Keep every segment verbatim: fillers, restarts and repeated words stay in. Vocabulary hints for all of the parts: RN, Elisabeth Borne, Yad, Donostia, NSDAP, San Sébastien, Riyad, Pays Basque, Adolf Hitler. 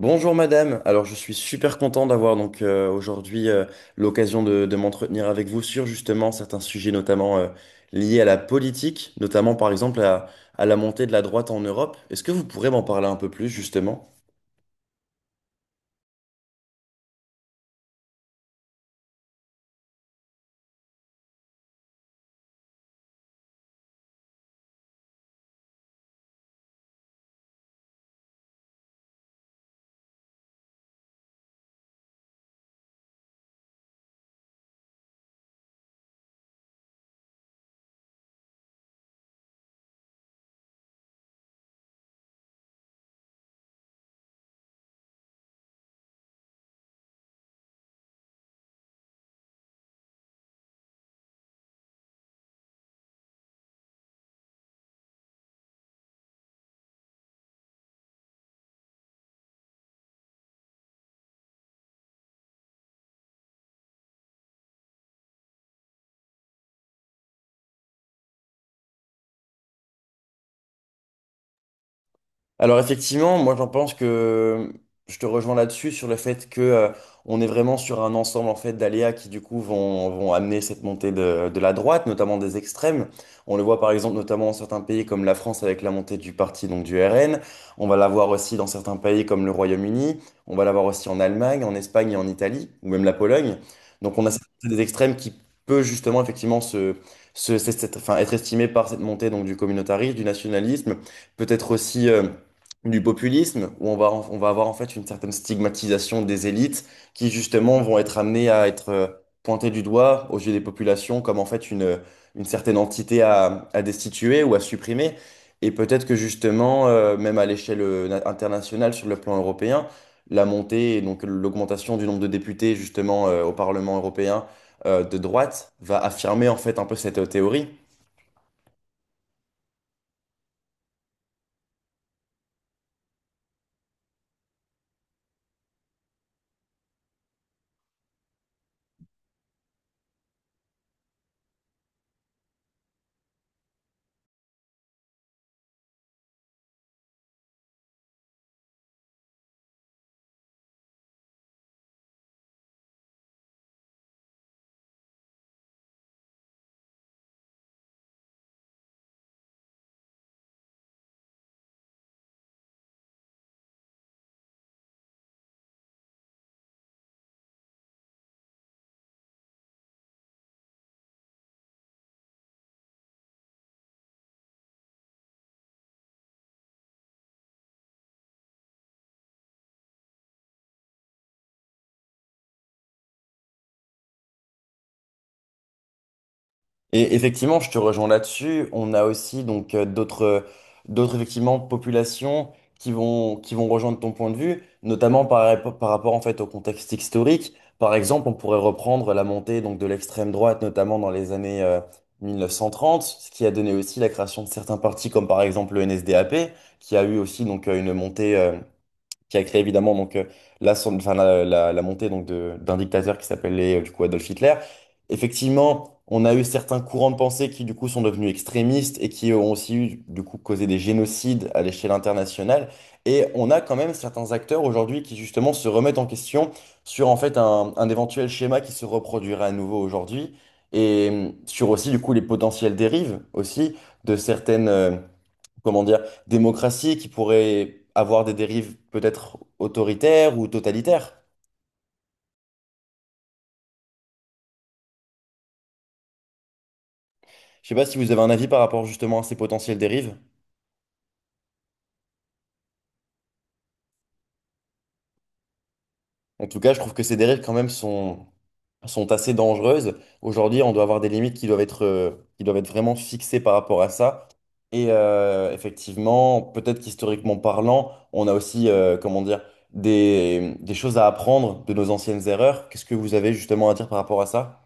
Bonjour madame, alors je suis super content d'avoir donc euh, aujourd'hui euh, l'occasion de, de m'entretenir avec vous sur justement certains sujets notamment euh, liés à la politique, notamment par exemple à, à la montée de la droite en Europe. Est-ce que vous pourrez m'en parler un peu plus justement? Alors effectivement, moi j'en pense que je te rejoins là-dessus sur le fait que euh, on est vraiment sur un ensemble en fait d'aléas qui du coup vont, vont amener cette montée de, de la droite, notamment des extrêmes. On le voit par exemple notamment dans certains pays comme la France avec la montée du parti donc du R N. On va l'avoir aussi dans certains pays comme le Royaume-Uni. On va l'avoir aussi en Allemagne, en Espagne et en Italie ou même la Pologne. Donc on a cette montée des extrêmes qui peut justement effectivement se, se- cette- cette- enfin, être estimée par cette montée donc du communautarisme, du nationalisme, peut-être aussi euh, du populisme, où on va, en- on va avoir en fait une certaine stigmatisation des élites qui justement vont être amenées à être euh, pointées du doigt aux yeux des populations comme en fait une, une certaine entité à, à destituer ou à supprimer. Et peut-être que justement, euh, même à l'échelle euh, na- internationale, sur le plan européen, la montée et donc l'augmentation du nombre de députés justement euh, au Parlement européen euh, de droite va affirmer en fait un peu cette euh, théorie. Et effectivement, je te rejoins là-dessus. On a aussi donc euh, d'autres euh, d'autres effectivement populations qui vont qui vont rejoindre ton point de vue, notamment par, rap- par rapport en fait au contexte historique. Par exemple, on pourrait reprendre la montée donc de l'extrême droite, notamment dans les années euh, mille neuf cent trente, ce qui a donné aussi la création de certains partis comme par exemple le N S D A P, qui a eu aussi donc euh, une montée euh, qui a créé évidemment donc euh, la, son- enfin, la, la- la montée donc de- d'un dictateur qui s'appelait euh, du coup Adolf Hitler. Effectivement, on a eu certains courants de pensée qui du coup sont devenus extrémistes et qui ont aussi eu du coup causé des génocides à l'échelle internationale. Et on a quand même certains acteurs aujourd'hui qui justement se remettent en question sur en fait un, un éventuel schéma qui se reproduirait à nouveau aujourd'hui et euh, sur aussi du coup les potentielles dérives aussi de certaines euh, comment dire, démocratie qui pourrait avoir des dérives peut-être autoritaires ou totalitaires. Je sais pas si vous avez un avis par rapport justement à ces potentielles dérives. En tout cas, je trouve que ces dérives quand même sont, sont assez dangereuses. Aujourd'hui, on doit avoir des limites qui doivent être, euh, qui doivent être vraiment fixées par rapport à ça. Et euh, effectivement, peut-être qu'historiquement parlant, on a aussi, euh, comment dire, des, des choses à apprendre de nos anciennes erreurs. Qu'est-ce que vous avez justement à dire par rapport à ça?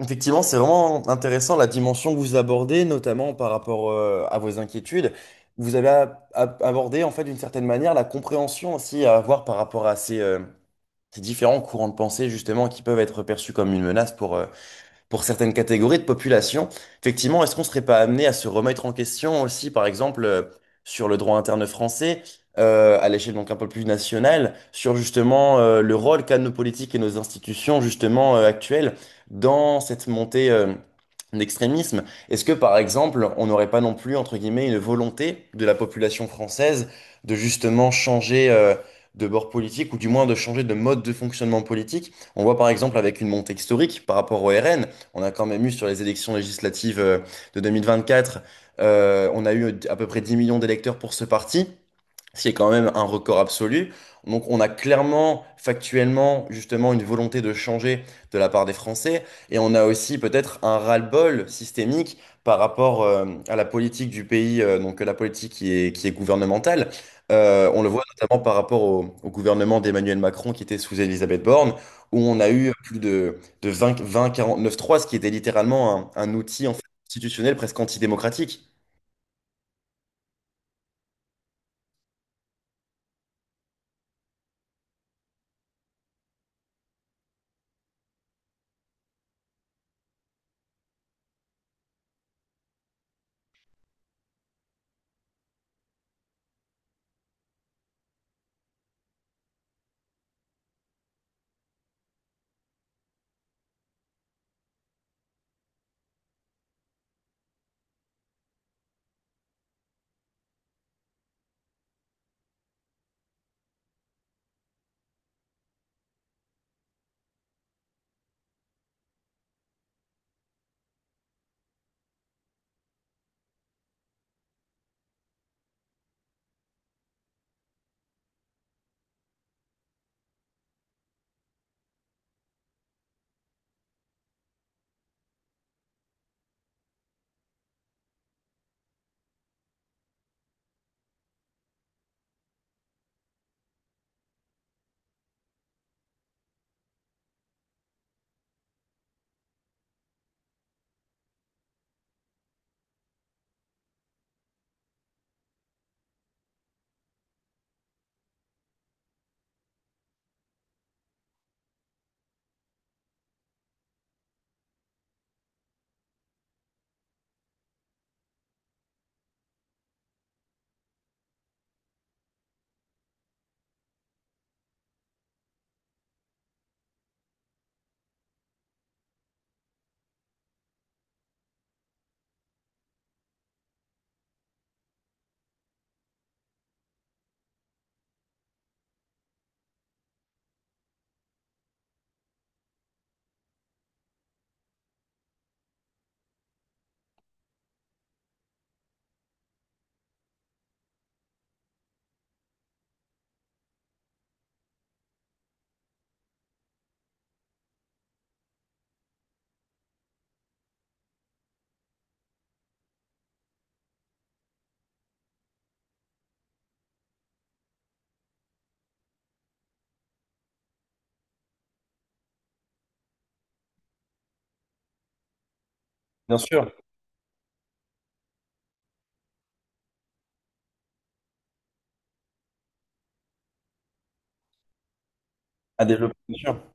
Effectivement, c'est vraiment intéressant la dimension que vous abordez, notamment par rapport euh, à vos inquiétudes. Vous avez a- a- abordé, en fait, d'une certaine manière, la compréhension aussi à avoir par rapport à ces, euh, ces différents courants de pensée, justement, qui peuvent être perçus comme une menace pour, euh, pour certaines catégories de population. Effectivement, est-ce qu'on ne serait pas amené à se remettre en question aussi, par exemple, euh, sur le droit interne français, euh, à l'échelle donc un peu plus nationale, sur justement euh, le rôle qu'ont nos politiques et nos institutions justement euh, actuelles dans cette montée euh, d'extrémisme? Est-ce que, par exemple, on n'aurait pas non plus, entre guillemets, une volonté de la population française de justement changer... euh, de bord politique ou du moins de changer de mode de fonctionnement politique. On voit par exemple avec une montée historique par rapport au R N, on a quand même eu sur les élections législatives euh, de deux mille vingt-quatre, euh, on a eu à peu près dix millions d'électeurs pour ce parti ce qui est quand même un record absolu. Donc on a clairement, factuellement, justement, une volonté de changer de la part des Français, et on a aussi peut-être un ras-le-bol systémique par rapport euh, à la politique du pays, euh, donc la politique qui est, qui est gouvernementale. Euh, on le voit notamment par rapport au, au gouvernement d'Emmanuel Macron qui était sous Elisabeth Borne, où on a eu plus de, de vingt, vingt quarante-neuf trois, ce qui était littéralement un, un outil en fait, constitutionnel presque antidémocratique. Bien sûr, à développer, bien sûr.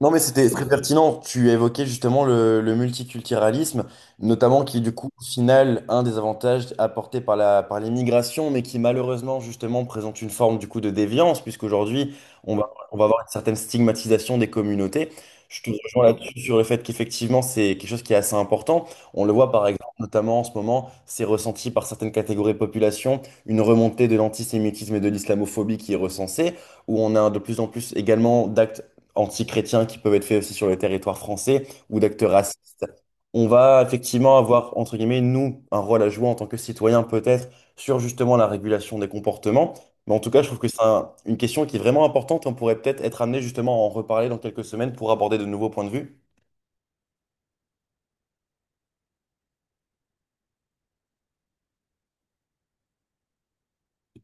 Non, mais c'était très pertinent. Tu évoquais justement le, le multiculturalisme, notamment qui est du coup, au final, un des avantages apportés par la, par l'immigration, mais qui malheureusement, justement, présente une forme du coup de déviance, puisqu'aujourd'hui, on va, on va avoir une certaine stigmatisation des communautés. Je te rejoins là-dessus sur le fait qu'effectivement, c'est quelque chose qui est assez important. On le voit par exemple, notamment en ce moment, c'est ressenti par certaines catégories de population, une remontée de l'antisémitisme et de l'islamophobie qui est recensée, où on a de plus en plus également d'actes anti qui peuvent être faits aussi sur le territoire français ou d'actes racistes. On va effectivement avoir, entre guillemets, nous, un rôle à jouer en tant que citoyens peut-être sur justement la régulation des comportements. Mais en tout cas, je trouve que c'est un- une question qui est vraiment importante. On pourrait peut-être être amené justement à en reparler dans quelques semaines pour aborder de nouveaux points de vue.